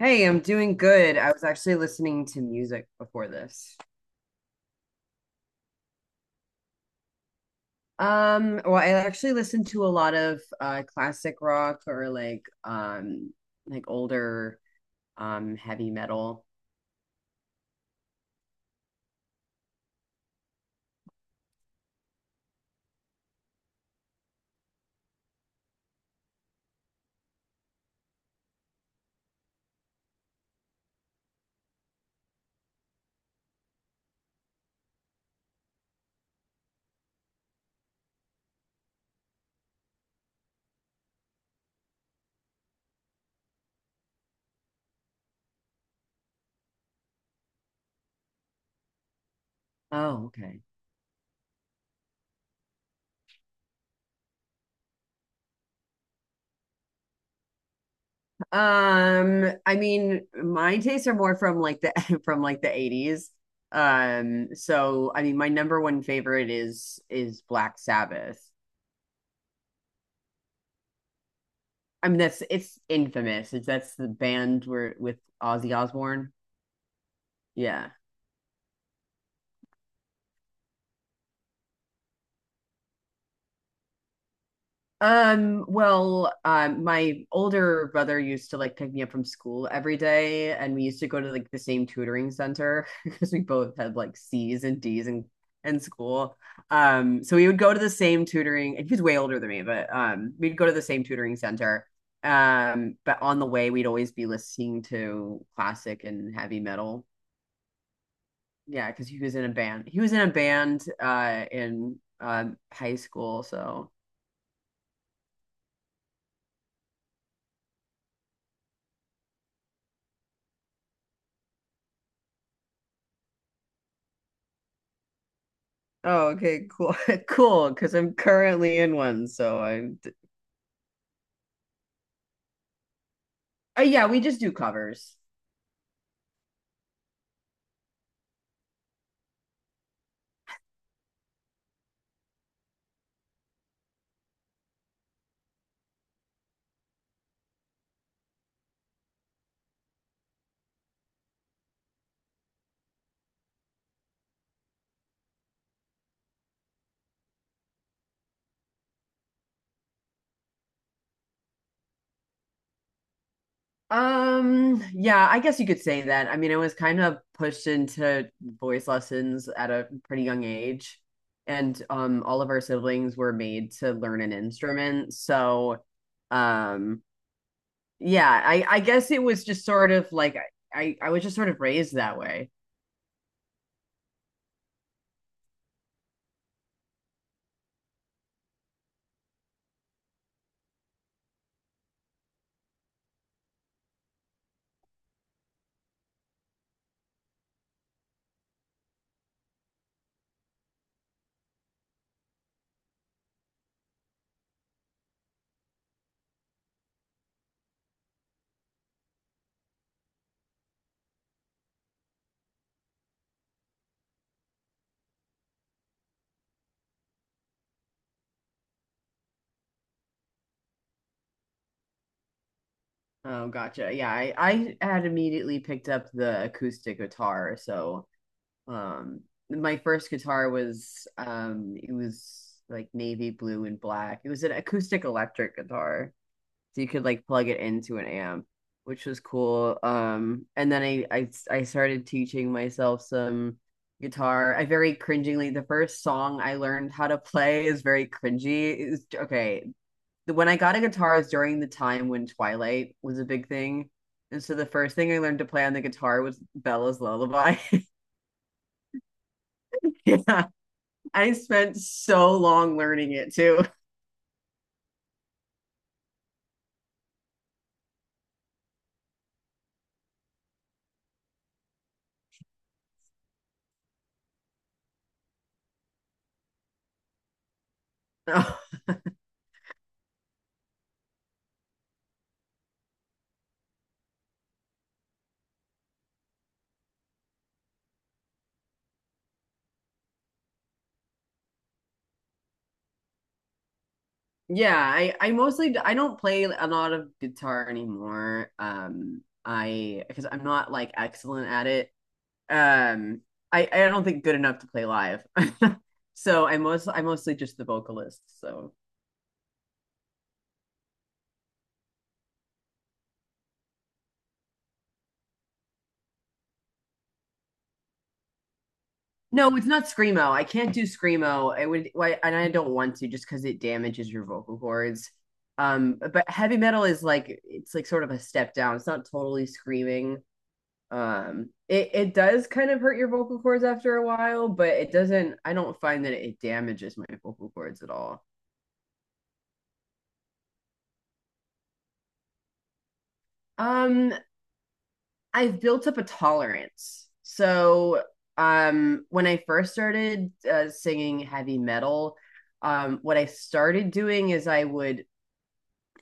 Hey, I'm doing good. I was actually listening to music before this. Well, I actually listen to a lot of classic rock, or like older heavy metal. Oh, okay. I mean, my tastes are more from like the from like the 80s. So I mean, my number one favorite is Black Sabbath. I mean, that's it's infamous. It's that's the band where with Ozzy Osbourne. Yeah. My older brother used to like pick me up from school every day, and we used to go to like the same tutoring center because we both had like C's and D's in school. So we would go to the same tutoring, and he was way older than me, but we'd go to the same tutoring center. But on the way, we'd always be listening to classic and heavy metal. Yeah, because he was in a band. He was in a band in high school, so. Oh, okay, cool, cool. Because I'm currently in one, so I. Yeah, we just do covers. Yeah, I guess you could say that. I mean, I was kind of pushed into voice lessons at a pretty young age, and all of our siblings were made to learn an instrument. So, um, yeah, I guess it was just sort of like I was just sort of raised that way. Oh, gotcha. Yeah, I had immediately picked up the acoustic guitar, so. Um, my first guitar was it was like navy blue and black. It was an acoustic electric guitar, so you could like plug it into an amp, which was cool. And then I started teaching myself some guitar. I very cringingly the first song I learned how to play is very cringy. It was okay. When I got a guitar was during the time when Twilight was a big thing. And so the first thing I learned to play on the guitar was Bella's Lullaby. Yeah. I spent so long learning it too. Yeah, I mostly I don't play a lot of guitar anymore. I Because I'm not like excellent at it. Um, I don't think good enough to play live. So I'm mostly just the vocalist. So no, it's not screamo. I can't do screamo. I would why and I don't want to just because it damages your vocal cords. But heavy metal is like it's like sort of a step down. It's not totally screaming. It does kind of hurt your vocal cords after a while, but it doesn't, I don't find that it damages my vocal cords at all. Um, I've built up a tolerance. So, when I first started singing heavy metal, what I started doing is I would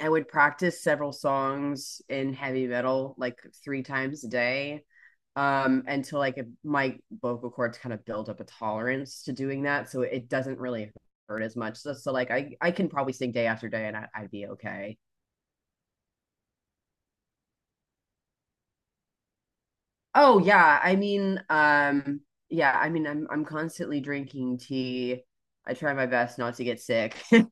I would practice several songs in heavy metal like three times a day until like my vocal cords kind of build up a tolerance to doing that. So it doesn't really hurt as much. So, so like I can probably sing day after day, and I'd be okay. Oh yeah. I mean, yeah, I mean, I'm constantly drinking tea. I try my best not to get sick. Yeah,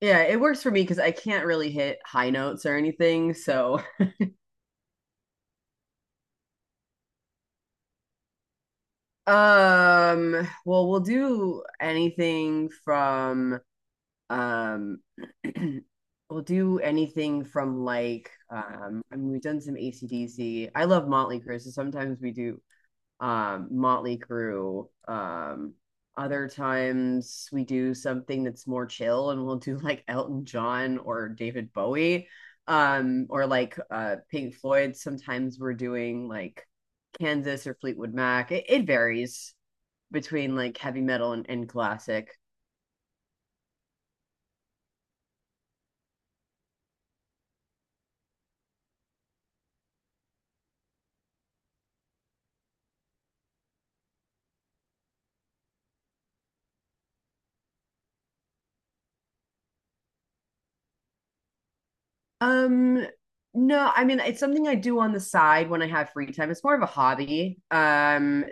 it works for me because I can't really hit high notes or anything. So well, we'll do anything from um we'll do anything from like I mean we've done some ac I love Motley Crue, so sometimes we do Motley Crue. Other times we do something that's more chill and we'll do like Elton John or David Bowie. Or like Pink Floyd. Sometimes we're doing like Kansas or Fleetwood Mac. It varies between like heavy metal and classic. Um, no, I mean it's something I do on the side when I have free time. It's more of a hobby.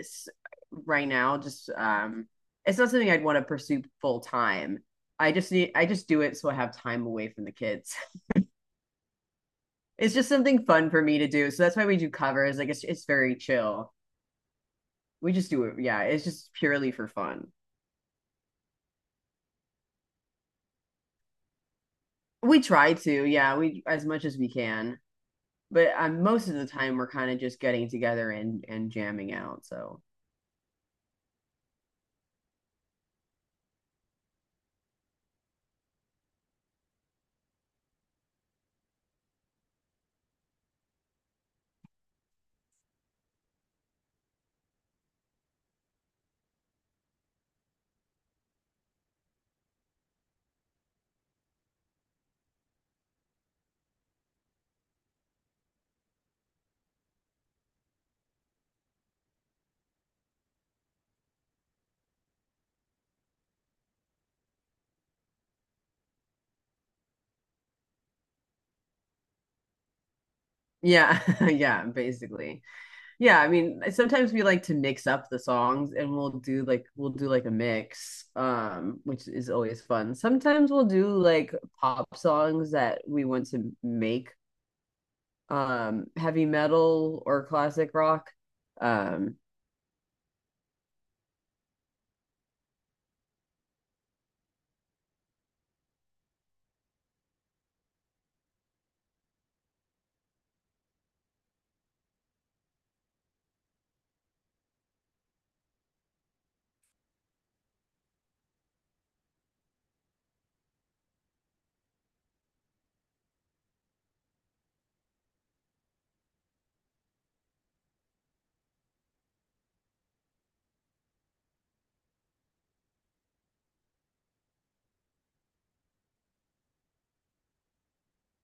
Right now, just it's not something I'd want to pursue full time. I just do it so I have time away from the kids. It's just something fun for me to do. So that's why we do covers. Like it's very chill. We just do it. Yeah, it's just purely for fun. We try to, yeah, we as much as we can. But most of the time we're kind of just getting together and jamming out. So yeah, yeah, basically. Yeah, I mean, sometimes we like to mix up the songs and we'll do like a mix, which is always fun. Sometimes we'll do like pop songs that we want to make heavy metal or classic rock. Um,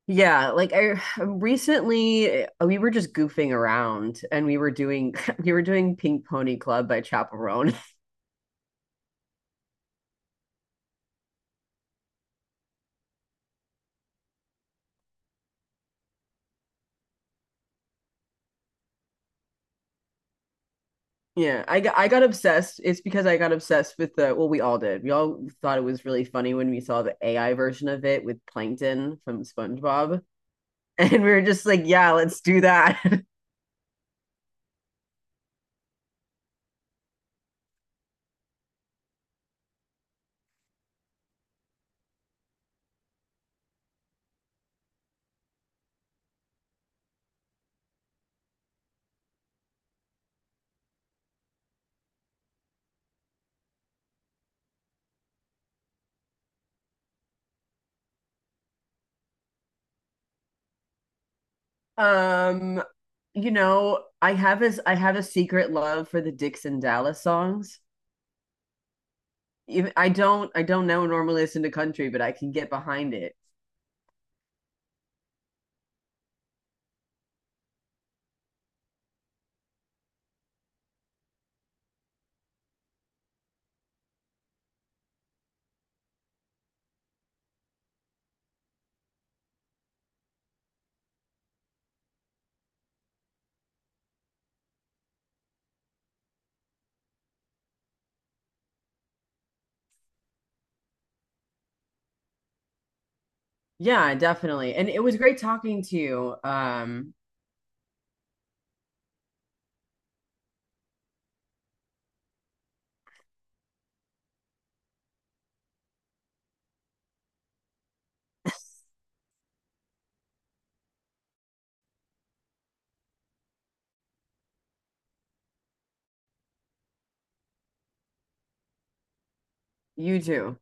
Yeah, like I recently we were just goofing around and we were doing we were doing Pink Pony Club by Chaperone. Yeah, I got obsessed. It's because I got obsessed with the well, we all did. We all thought it was really funny when we saw the AI version of it with Plankton from SpongeBob. And we were just like, yeah, let's do that. Um, you know, I have a secret love for the Dixon Dallas songs. Even, I don't know normally listen to country, but I can get behind it. Yeah, definitely. And it was great talking to you. You too.